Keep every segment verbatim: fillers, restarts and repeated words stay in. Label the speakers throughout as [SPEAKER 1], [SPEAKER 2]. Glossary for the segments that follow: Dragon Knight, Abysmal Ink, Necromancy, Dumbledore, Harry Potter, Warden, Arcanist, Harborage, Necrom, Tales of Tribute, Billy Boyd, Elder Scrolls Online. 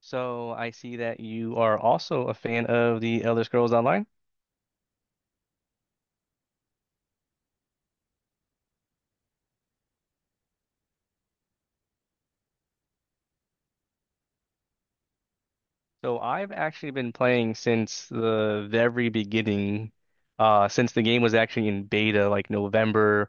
[SPEAKER 1] So I see that you are also a fan of the Elder Scrolls Online. So I've actually been playing since the very beginning, uh, since the game was actually in beta, like November,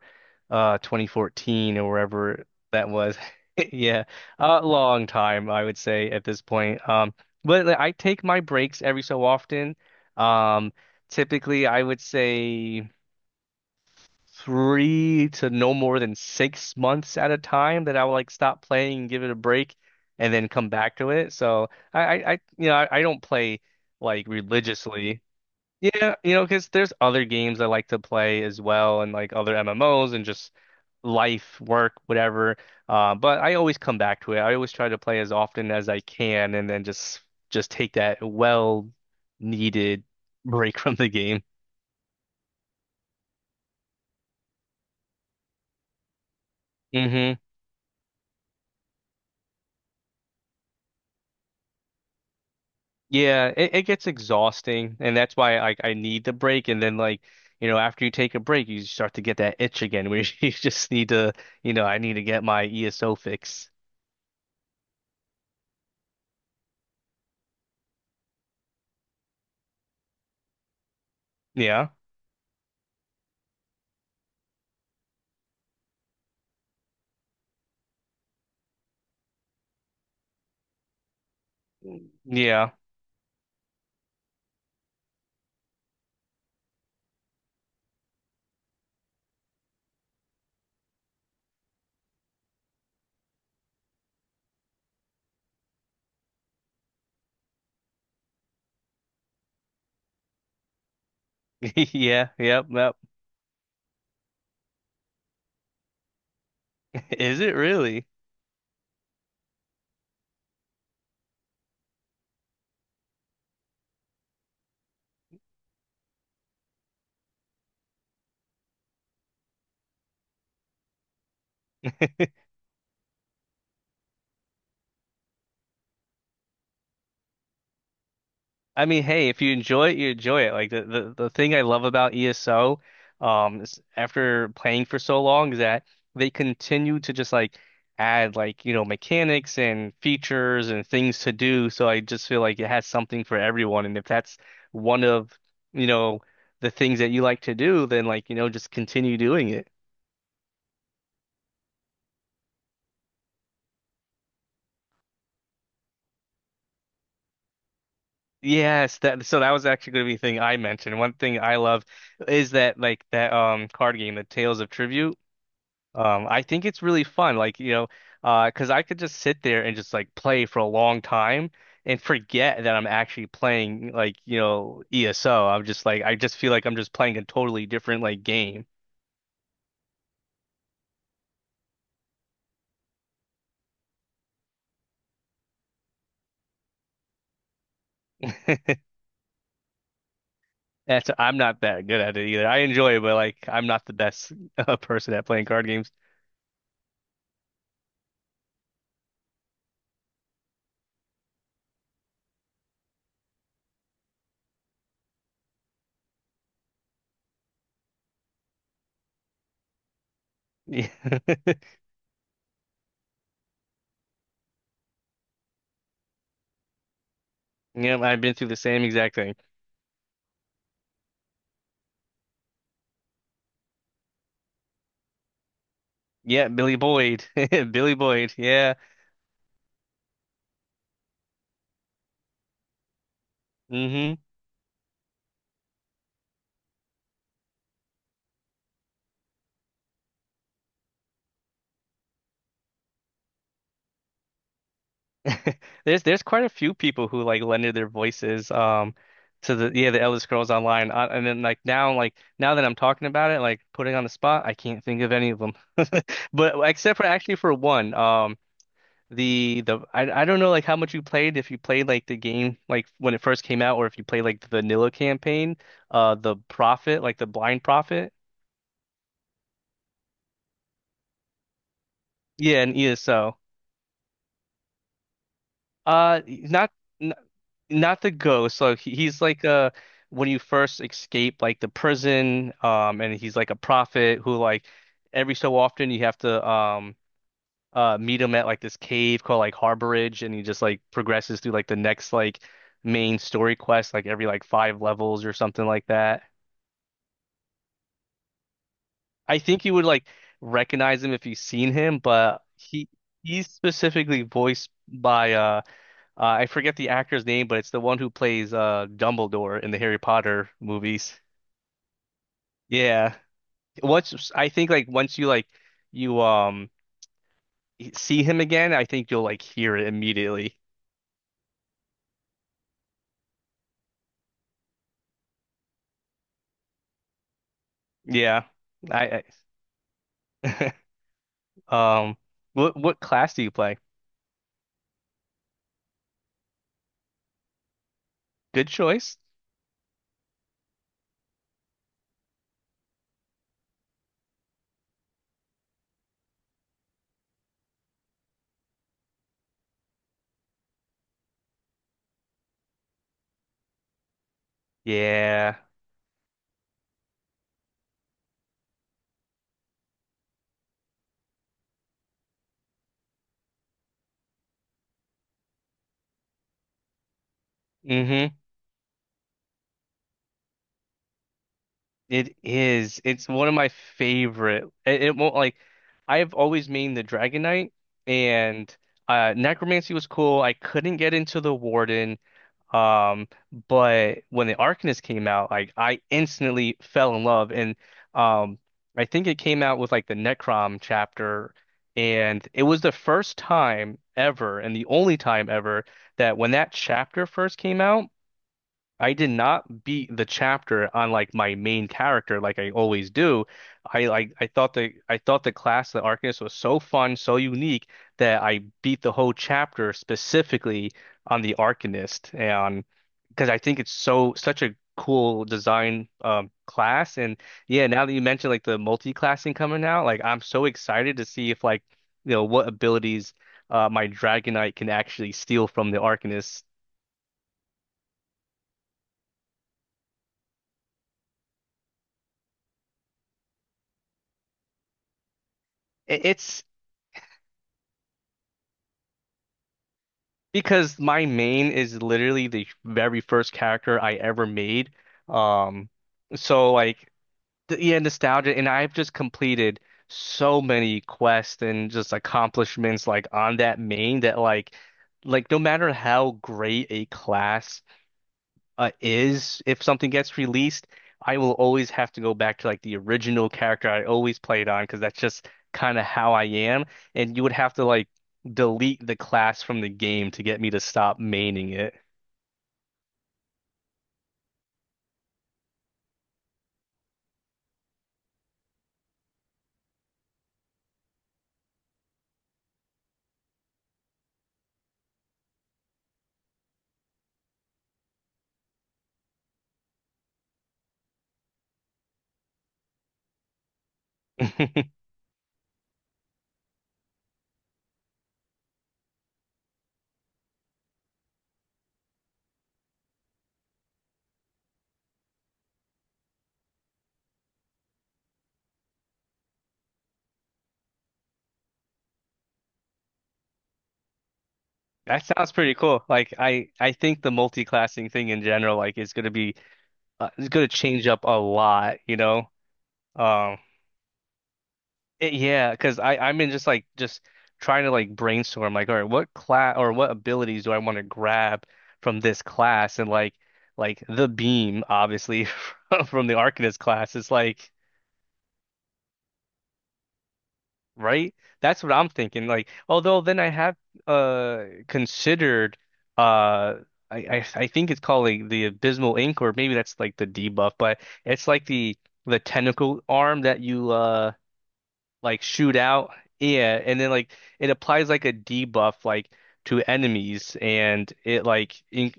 [SPEAKER 1] uh, twenty fourteen or wherever that was. Yeah, a long time, I would say at this point. Um, but like, I take my breaks every so often. Um, typically, I would say, three to no more than six months at a time that I would like stop playing and give it a break and then come back to it. So I, I, I you know, I, I don't play like religiously. Yeah, you know, because there's other games I like to play as well and like other M M Os and just life, work, whatever. Uh, but I always come back to it. I always try to play as often as I can and then just just take that well needed break from the game. hmm Yeah, it, it gets exhausting, and that's why I I need the break. And then like, you know, after you take a break, you start to get that itch again, where you just need to, you know, I need to get my ESO fix. Yeah, yeah, yeah, yep, yep. Is it really? I mean, hey, if you enjoy it, you enjoy it. Like the, the, the thing I love about ESO, um, is after playing for so long, is that they continue to just like add, like, you know, mechanics and features and things to do. So I just feel like it has something for everyone. And if that's one of, you know, the things that you like to do, then like, you know, just continue doing it. Yes, that, so that was actually going to be the thing I mentioned. One thing I love is that like that um card game, the Tales of Tribute. Um, I think it's really fun, like, you know, uh, cause I could just sit there and just like play for a long time and forget that I'm actually playing, like, you know, ESO. I'm just like, I just feel like I'm just playing a totally different like game. That's, I'm not that good at it either. I enjoy it, but like I'm not the best uh, person at playing card games. Yeah. Yeah, I've been through the same exact thing. Yeah, Billy Boyd. Billy Boyd. Yeah. hmm There's there's quite a few people who like lended their voices um to the, yeah, the Elder Scrolls Online, uh, and then like now, like now that I'm talking about it, like putting on the spot, I can't think of any of them but except for actually for one. Um the the I I don't know like how much you played, if you played like the game like when it first came out, or if you played like the vanilla campaign, uh the Prophet, like the Blind Prophet, yeah, and ESO, uh not, not the ghost. So he- he's like a, when you first escape like the prison, um, and he's like a prophet who, like every so often, you have to um uh meet him at like this cave called like Harborage, and he just like progresses through like the next like main story quest like every like five levels or something like that. I think you would like recognize him if you've seen him, but he he's specifically voiced by uh. Uh, I forget the actor's name, but it's the one who plays uh Dumbledore in the Harry Potter movies. Yeah. Once, I think, like once you, like you um see him again, I think you'll like hear it immediately. Yeah. I, I um what what class do you play? Good choice. Yeah. Mm-hmm. It is. It's one of my favorite. It, it won't like, I've always mained the Dragon Knight, and uh Necromancy was cool. I couldn't get into the Warden. Um, but when the Arcanist came out, like I instantly fell in love, and um, I think it came out with like the Necrom chapter, and it was the first time ever, and the only time ever that, when that chapter first came out, I did not beat the chapter on like my main character like I always do. I like I thought the I thought the class, the Arcanist, was so fun, so unique, that I beat the whole chapter specifically on the Arcanist, and because I think it's so such a cool design um class. And yeah, now that you mentioned like the multi-classing coming out, like I'm so excited to see if like, you know, what abilities uh my Dragonite can actually steal from the Arcanist. It- It's Because my main is literally the very first character I ever made. Um, so like the, yeah, nostalgia, and I've just completed so many quests and just accomplishments like on that main, that like like no matter how great a class uh, is, if something gets released, I will always have to go back to like the original character I always played on, because that's just kind of how I am. And you would have to like delete the class from the game to get me to stop maining it. That sounds pretty cool. Like, I, I think the multi-classing thing in general, like, is gonna be, uh, is gonna change up a lot, you know. Um, It, yeah, because I I'm in just like just trying to like brainstorm like, all right, what class or what abilities do I want to grab from this class? And like like the beam, obviously, from from the Arcanist class, is like, right, that's what I'm thinking. Like, although then I have uh considered, uh I I, I think it's called like the Abysmal Ink, or maybe that's like the debuff, but it's like the the tentacle arm that you uh like shoot out. Yeah, and then like it applies like a debuff like to enemies, and it like in,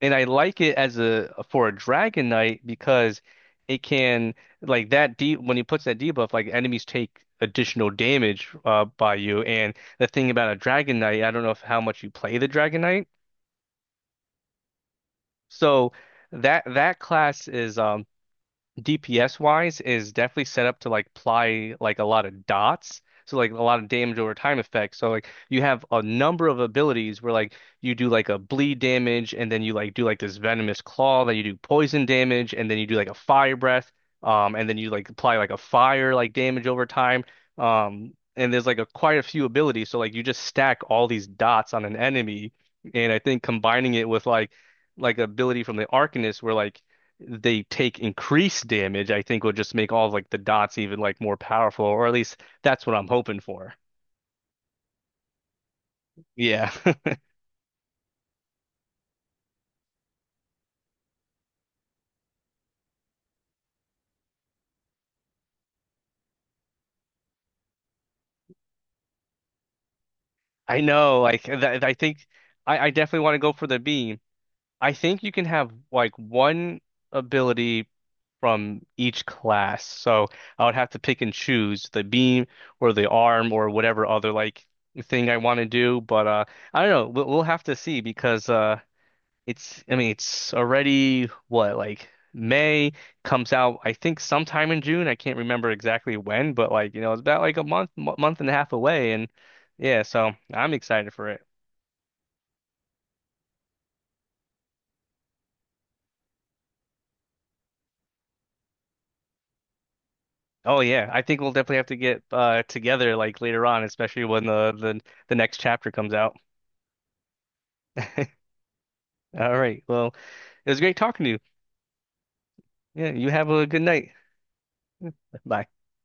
[SPEAKER 1] and I like it as a for a Dragon Knight, because it can, like that deep when he puts that debuff, like enemies take additional damage uh by you. And the thing about a Dragon Knight, I don't know if how much you play the Dragon Knight, so that that class is um. D P S wise, is definitely set up to like apply like a lot of dots. So like a lot of damage over time effects. So like you have a number of abilities where like you do like a bleed damage, and then you like do like this venomous claw, then you do poison damage, and then you do like a fire breath, um, and then you like apply like a fire like damage over time. Um, and there's like a quite a few abilities. So like you just stack all these dots on an enemy, and I think combining it with like like ability from the Arcanist where like they take increased damage, I think will just make all of like the dots even like more powerful, or at least that's what I'm hoping for. Yeah, I know. Like, th I think I, I definitely want to go for the beam. I think you can have like one ability from each class, so I would have to pick and choose the beam or the arm or whatever other like thing I want to do. But uh, I don't know. We'll, we'll have to see, because uh. it's, I mean, it's already what, like May, comes out, I think sometime in June. I can't remember exactly when, but, like, you know, it's about like a month, mo- month and a half away. And yeah, so I'm excited for it. Oh yeah, I think we'll definitely have to get uh together like later on, especially when the the, the next chapter comes out. All right. Well, it was great talking to you. Yeah, you have a good night. Bye.